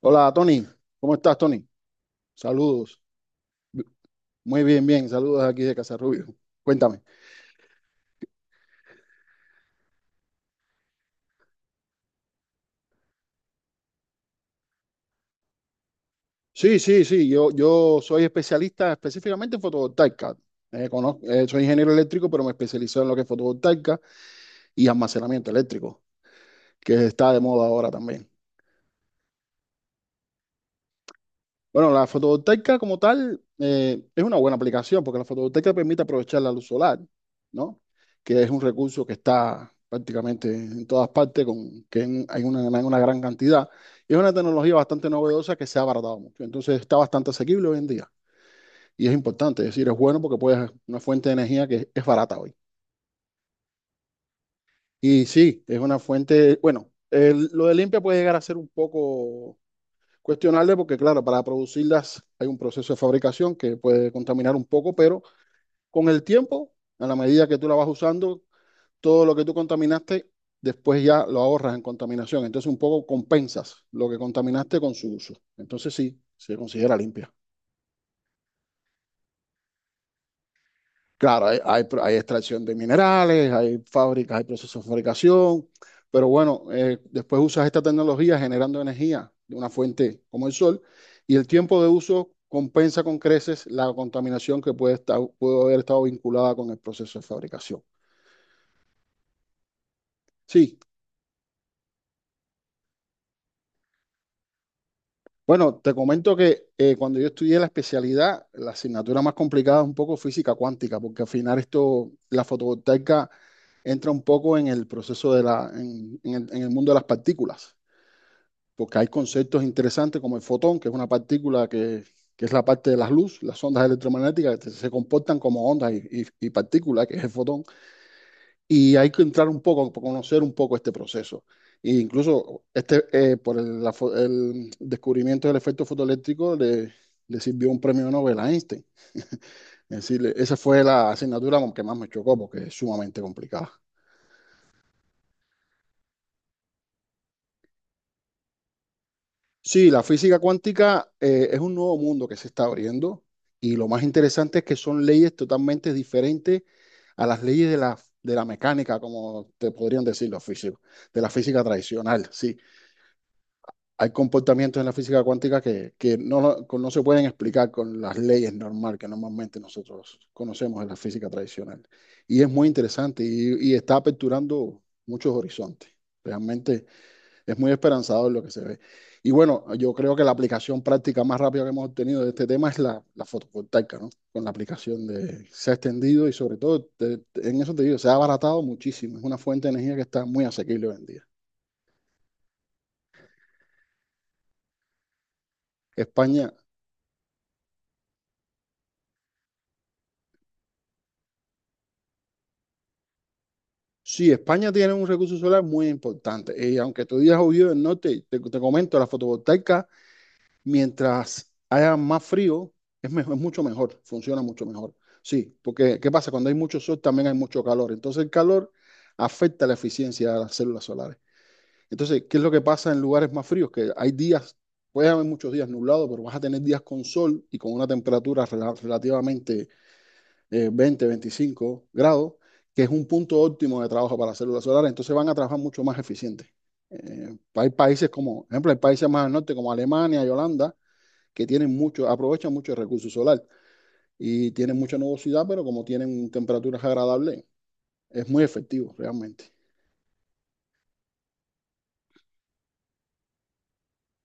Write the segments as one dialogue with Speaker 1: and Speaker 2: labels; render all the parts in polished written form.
Speaker 1: Hola, Tony. ¿Cómo estás, Tony? Saludos. Muy bien, bien. Saludos aquí de Casarrubio. Cuéntame. Sí, sí, sí. Yo soy especialista específicamente en fotovoltaica. Soy ingeniero eléctrico, pero me especializo en lo que es fotovoltaica y almacenamiento eléctrico, que está de moda ahora también. Bueno, la fotovoltaica como tal es una buena aplicación porque la fotovoltaica permite aprovechar la luz solar, ¿no? Que es un recurso que está prácticamente en todas partes, hay en una gran cantidad. Y es una tecnología bastante novedosa que se ha abaratado mucho. Entonces está bastante asequible hoy en día. Y es importante, es decir, es bueno porque puedes una fuente de energía que es barata hoy. Y sí, es una fuente, bueno, lo de limpia puede llegar a ser un poco cuestionarle porque, claro, para producirlas hay un proceso de fabricación que puede contaminar un poco, pero con el tiempo, a la medida que tú la vas usando, todo lo que tú contaminaste, después ya lo ahorras en contaminación. Entonces un poco compensas lo que contaminaste con su uso. Entonces sí, se considera limpia. Claro, hay extracción de minerales, hay fábricas, hay procesos de fabricación, pero bueno, después usas esta tecnología generando energía de una fuente como el sol y el tiempo de uso compensa con creces la contaminación que puede estar, pudo haber estado vinculada con el proceso de fabricación. Sí, bueno, te comento que cuando yo estudié la especialidad, la asignatura más complicada es un poco física cuántica, porque al final esto, la fotovoltaica entra un poco en el proceso de la, en el mundo de las partículas. Porque hay conceptos interesantes como el fotón, que es una partícula que es la parte de las luz, las ondas electromagnéticas que se comportan como ondas y partículas, que es el fotón, y hay que entrar un poco, conocer un poco este proceso. E incluso este, por el descubrimiento del efecto fotoeléctrico le, le sirvió un premio Nobel a Einstein. Es decir, esa fue la asignatura que más me chocó porque es sumamente complicada. Sí, la física cuántica es un nuevo mundo que se está abriendo y lo más interesante es que son leyes totalmente diferentes a las leyes de la mecánica, como te podrían decir los físicos, de la física tradicional. Sí, hay comportamientos en la física cuántica que no, no se pueden explicar con las leyes normal que normalmente nosotros conocemos en la física tradicional. Y es muy interesante y está aperturando muchos horizontes. Realmente es muy esperanzador lo que se ve. Y bueno, yo creo que la aplicación práctica más rápida que hemos obtenido de este tema es la, la fotovoltaica, ¿no? Con la aplicación de, se ha extendido y sobre todo, en eso te digo, se ha abaratado muchísimo. Es una fuente de energía que está muy asequible hoy en día. España, sí, España tiene un recurso solar muy importante. Y aunque tú digas obvio, no te comento, la fotovoltaica mientras haya más frío, es, mejor, es mucho mejor, funciona mucho mejor. Sí, porque ¿qué pasa? Cuando hay mucho sol también hay mucho calor. Entonces el calor afecta la eficiencia de las células solares. Entonces, ¿qué es lo que pasa en lugares más fríos? Que hay días, puede haber muchos días nublados, pero vas a tener días con sol y con una temperatura relativamente 20, 25 grados, que es un punto óptimo de trabajo para las células solares. Entonces van a trabajar mucho más eficientes. Hay países como, por ejemplo, hay países más al norte como Alemania y Holanda, que tienen mucho, aprovechan mucho el recurso solar y tienen mucha nubosidad, pero como tienen temperaturas agradables, es muy efectivo realmente.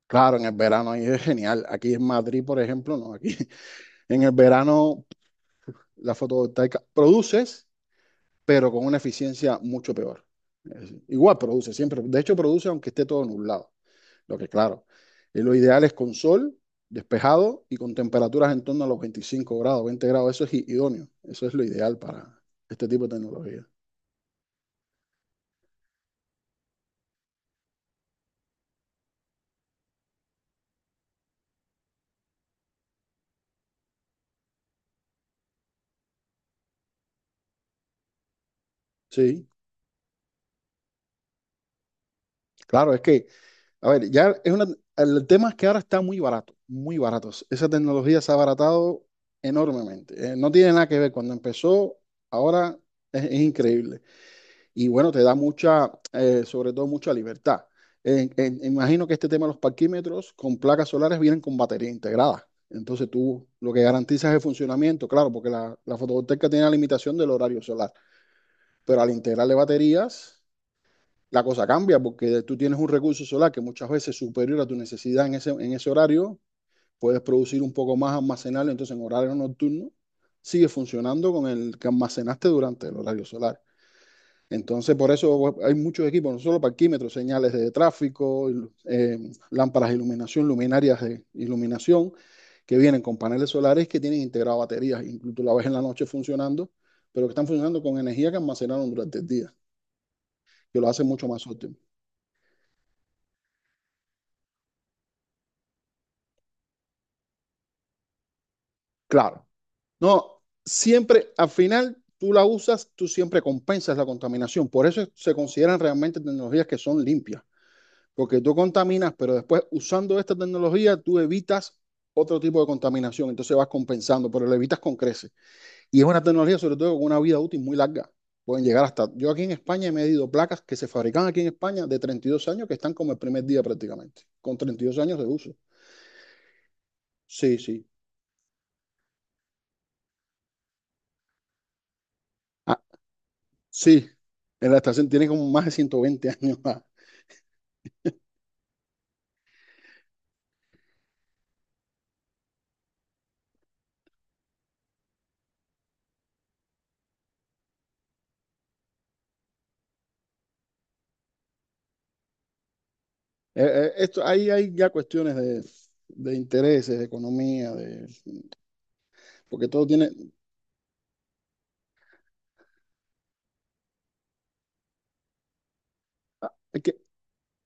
Speaker 1: Claro, en el verano ahí es genial. Aquí en Madrid, por ejemplo, no, aquí en el verano la fotovoltaica produces, pero con una eficiencia mucho peor. Es- decir, igual produce, siempre. De hecho, produce aunque esté todo nublado. Lo que claro, lo ideal es con sol, despejado y con temperaturas en torno a los 25 grados, 20 grados. Eso es i- idóneo. Eso es lo ideal para este tipo de tecnología. Sí. Claro, es que, a ver, ya es una, el tema es que ahora está muy barato, muy barato. Esa tecnología se ha abaratado enormemente. No tiene nada que ver. Cuando empezó, ahora es increíble. Y bueno, te da mucha, sobre todo mucha libertad. Imagino que este tema de los parquímetros con placas solares vienen con batería integrada. Entonces tú lo que garantizas es el funcionamiento, claro, porque la fotovoltaica tiene la limitación del horario solar, pero al integrarle baterías la cosa cambia porque tú tienes un recurso solar que muchas veces es superior a tu necesidad en ese horario, puedes producir un poco más, almacenarlo, entonces en horario nocturno sigue funcionando con el que almacenaste durante el horario solar. Entonces, por eso hay muchos equipos, no solo parquímetros, señales de tráfico, eh, lámparas de iluminación, luminarias de iluminación, que vienen con paneles solares que tienen integrado baterías, incluso la ves en la noche funcionando, pero que están funcionando con energía que almacenaron durante el día, que lo hace mucho más útil. Claro, no, siempre, al final, tú la usas, tú siempre compensas la contaminación. Por eso se consideran realmente tecnologías que son limpias, porque tú contaminas, pero después usando esta tecnología, tú evitas otro tipo de contaminación, entonces vas compensando, pero lo evitas con creces. Y es una tecnología, sobre todo, con una vida útil muy larga. Pueden llegar hasta... Yo aquí en España he medido placas que se fabrican aquí en España de 32 años, que están como el primer día prácticamente, con 32 años de uso. Sí, sí. Ah, sí, en la estación tiene como más de 120 años. Más. Esto, ahí hay ya cuestiones de intereses, de economía, de, porque todo tiene, hay que,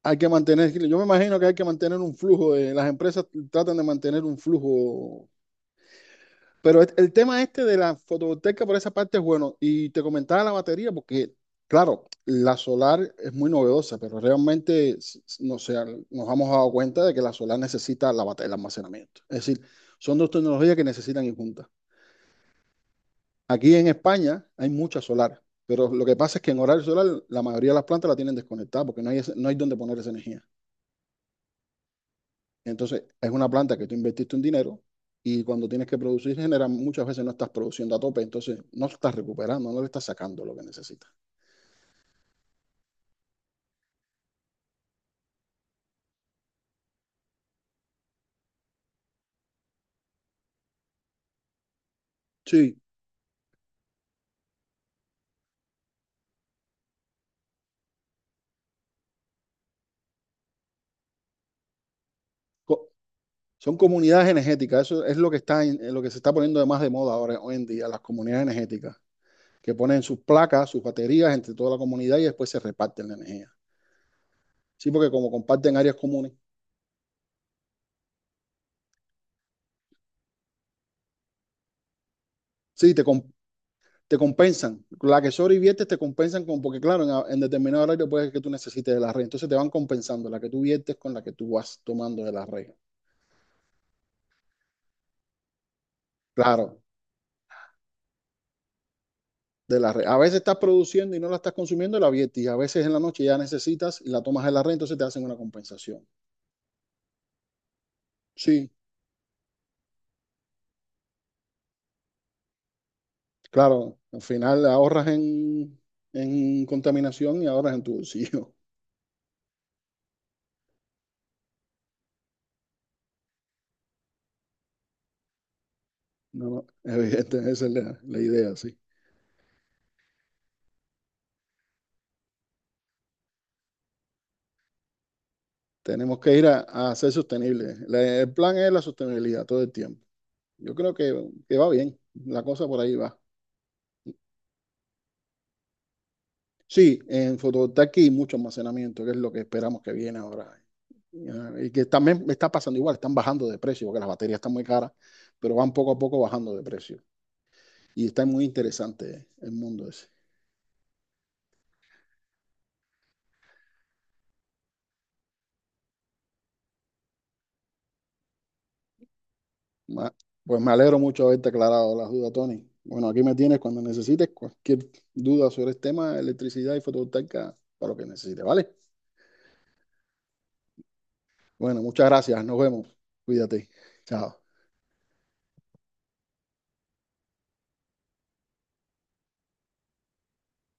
Speaker 1: hay que mantener, yo me imagino que hay que mantener un flujo, de, las empresas tratan de mantener un flujo, pero el tema este de la fotovoltaica por esa parte es bueno, y te comentaba la batería, porque claro, la solar es muy novedosa, pero realmente no sé, nos hemos dado cuenta de que la solar necesita el almacenamiento, es decir, son dos tecnologías que necesitan ir juntas. Aquí en España hay muchas solares, pero lo que pasa es que en horario solar la mayoría de las plantas la tienen desconectada porque no hay, no hay donde poner esa energía. Entonces, es una planta que tú invertiste un dinero y cuando tienes que producir, genera muchas veces no estás produciendo a tope, entonces no estás recuperando, no le estás sacando lo que necesitas. Sí, co- son comunidades energéticas, eso es lo que está en lo que se está poniendo de más de moda ahora hoy en día, las comunidades energéticas, que ponen sus placas, sus baterías entre toda la comunidad y después se reparten la energía. Sí, porque como comparten áreas comunes. Sí, te compensan. La que sobreviertes te compensan con, porque claro, en determinado horario puede que tú necesites de la red. Entonces te van compensando la que tú viertes con la que tú vas tomando de la red. Claro, de la red. A veces estás produciendo y no la estás consumiendo, la viertes. Y a veces en la noche ya necesitas y la tomas de la red, entonces te hacen una compensación. Sí, claro, al final ahorras en contaminación y ahorras en tu bolsillo. No, no, evidente, esa es la, la idea, sí. Tenemos que ir a, A ser sostenibles. El plan es la sostenibilidad todo el tiempo. Yo creo que va bien, la cosa por ahí va. Sí, en fotovoltaica hay mucho almacenamiento, que es lo que esperamos que viene ahora. Ya, y que también me está pasando igual, están bajando de precio, porque las baterías están muy caras, pero van poco a poco bajando de precio. Y está muy interesante el mundo ese. Ma- Pues me alegro mucho de haberte aclarado las dudas, Tony. Bueno, aquí me tienes cuando necesites cualquier duda sobre el tema de electricidad y fotovoltaica, para lo que necesites, ¿vale? Bueno, muchas gracias, nos vemos. Cuídate. Chao.